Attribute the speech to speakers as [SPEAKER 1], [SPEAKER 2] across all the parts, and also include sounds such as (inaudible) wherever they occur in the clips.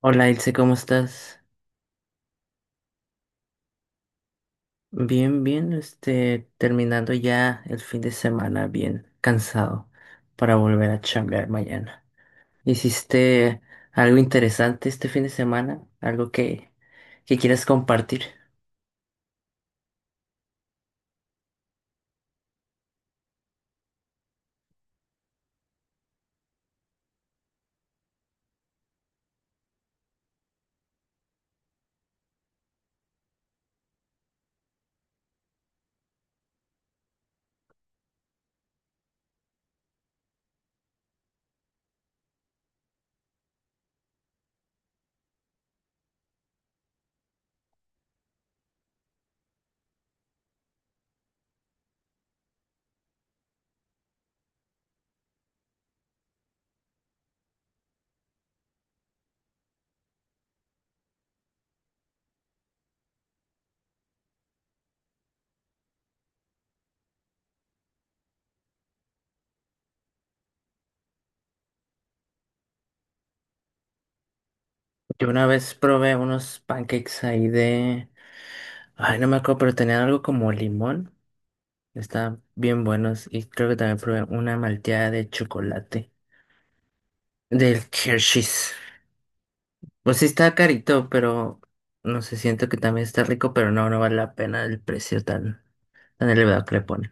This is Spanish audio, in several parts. [SPEAKER 1] Hola Ilse, ¿cómo estás? Bien, bien, terminando ya el fin de semana, bien cansado para volver a chambear mañana. ¿Hiciste algo interesante este fin de semana? ¿Algo que quieras compartir? Yo una vez probé unos pancakes ahí de... Ay, no me acuerdo, pero tenían algo como limón. Estaban bien buenos y creo que también probé una malteada de chocolate del Hershey's. Pues sí está carito, pero no sé, siento que también está rico, pero no, no vale la pena el precio tan elevado que le ponen.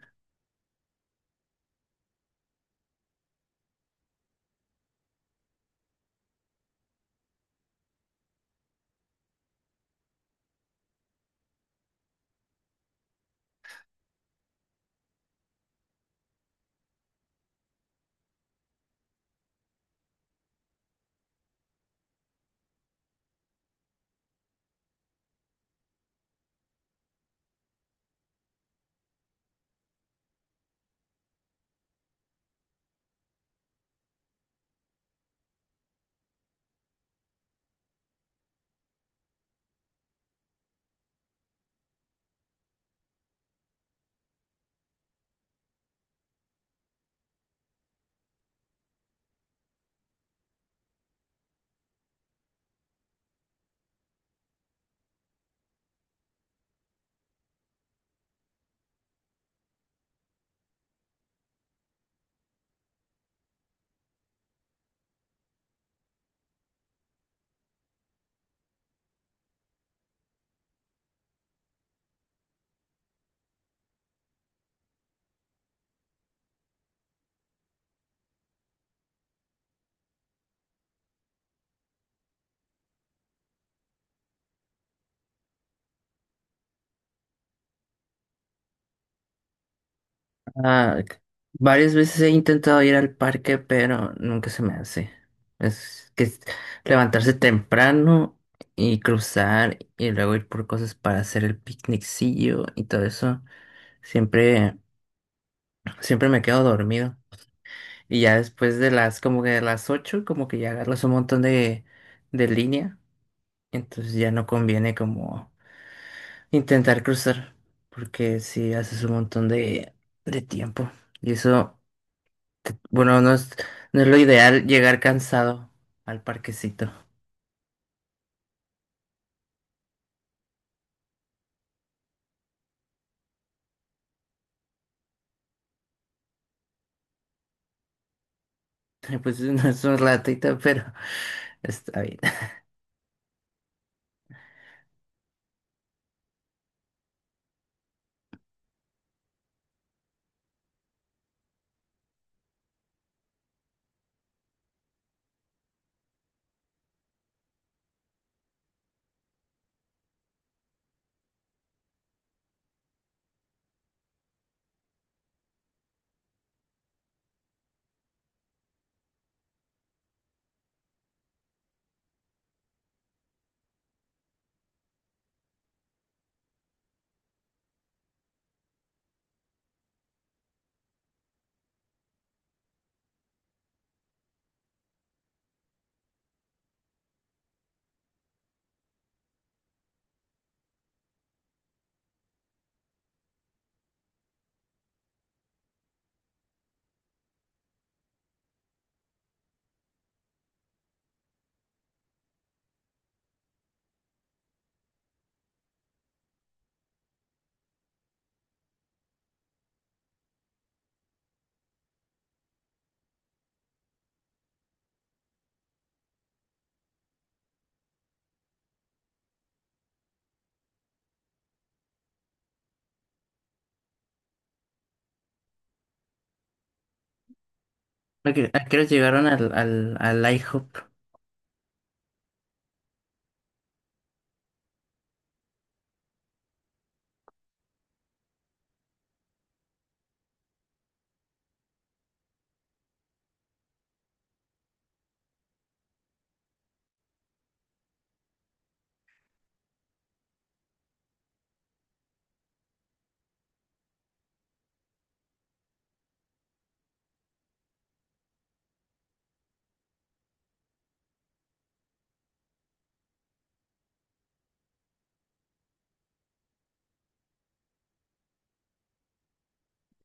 [SPEAKER 1] Ah, c- Varias veces he intentado ir al parque, pero nunca se me hace. Es que es levantarse temprano y cruzar y luego ir por cosas para hacer el picnicillo y todo eso. Siempre, siempre me quedo dormido. Y ya después de como que de las 8, como que ya agarras un montón de línea. Entonces ya no conviene como intentar cruzar, porque si haces un montón de tiempo. Y eso, bueno, no no es lo ideal llegar cansado al parquecito. (laughs) Pues no es un ratito, pero está bien. (laughs) ¿A qué hora llegaron al IHOP?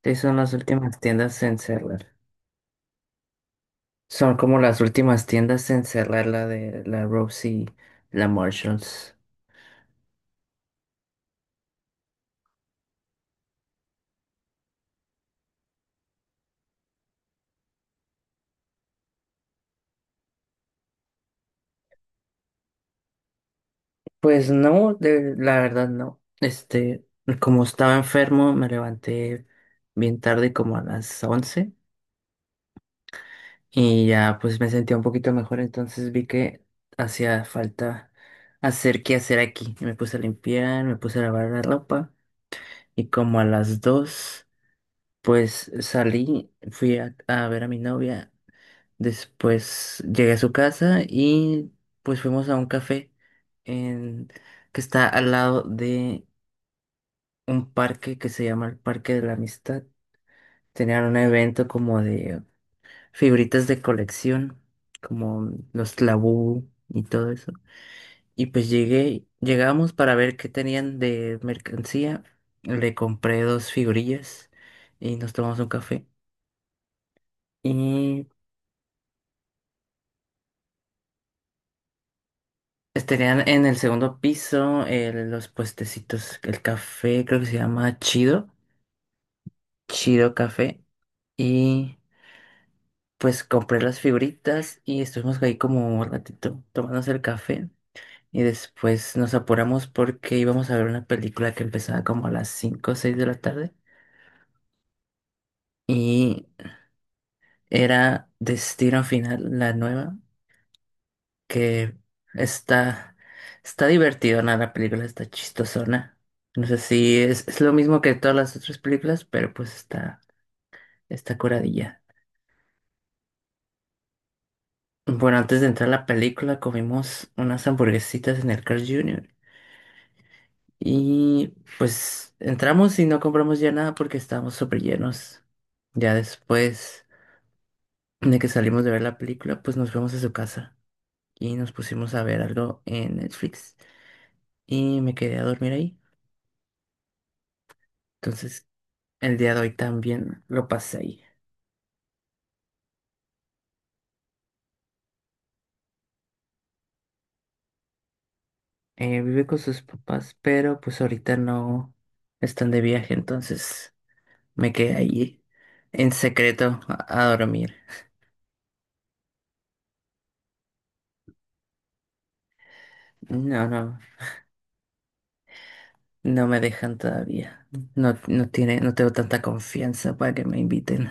[SPEAKER 1] Sí, son las últimas tiendas en cerrar. Son como las últimas tiendas en cerrar la de la Rose y la Marshalls. Pues no, de, la verdad no. Como estaba enfermo, me levanté bien tarde, como a las 11, y ya pues me sentía un poquito mejor, entonces vi que hacía falta hacer qué hacer aquí. Y me puse a limpiar, me puse a lavar la ropa, y como a las 2 pues salí, fui a ver a mi novia, después llegué a su casa y pues fuimos a un café en, que está al lado de un parque que se llama el Parque de la Amistad. Tenían un evento como de figuritas de colección, como los Labú y todo eso. Y pues llegamos para ver qué tenían de mercancía. Le compré dos figurillas y nos tomamos un café. Y pues tenían en el segundo piso los puestecitos, el café creo que se llama Chido Café. Y pues compré las figuritas y estuvimos ahí como un ratito tomándose el café. Y después nos apuramos porque íbamos a ver una película que empezaba como a las 5 o 6 de la tarde. Y era Destino Final, la nueva, que está, está divertida, ¿no? La película está chistosona. No sé si es lo mismo que todas las otras películas, pero pues está curadilla. Bueno, antes de entrar a la película comimos unas hamburguesitas en el Carl Jr. Y pues entramos y no compramos ya nada porque estábamos súper llenos. Ya después de que salimos de ver la película, pues nos fuimos a su casa y nos pusimos a ver algo en Netflix y me quedé a dormir ahí. Entonces el día de hoy también lo pasé ahí. Vive con sus papás, pero pues ahorita no están de viaje, entonces me quedé ahí en secreto a dormir. No, no. No me dejan todavía. No, no tengo tanta confianza para que me inviten.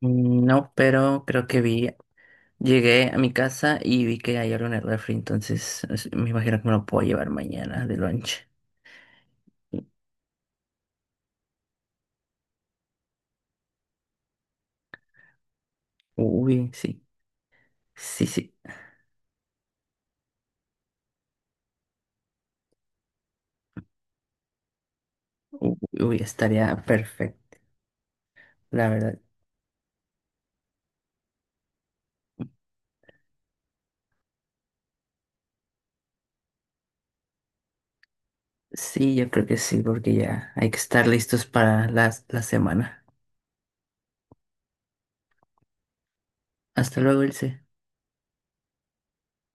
[SPEAKER 1] Mm, no, pero creo que vi. Llegué a mi casa y vi que hay algo en el refri, entonces me imagino que me lo puedo llevar mañana de lunch. Uy, sí, sí, sí. Uy, uy, estaría perfecto, la verdad. Sí, yo creo que sí, porque ya hay que estar listos para las la semana. Hasta luego, Ilse.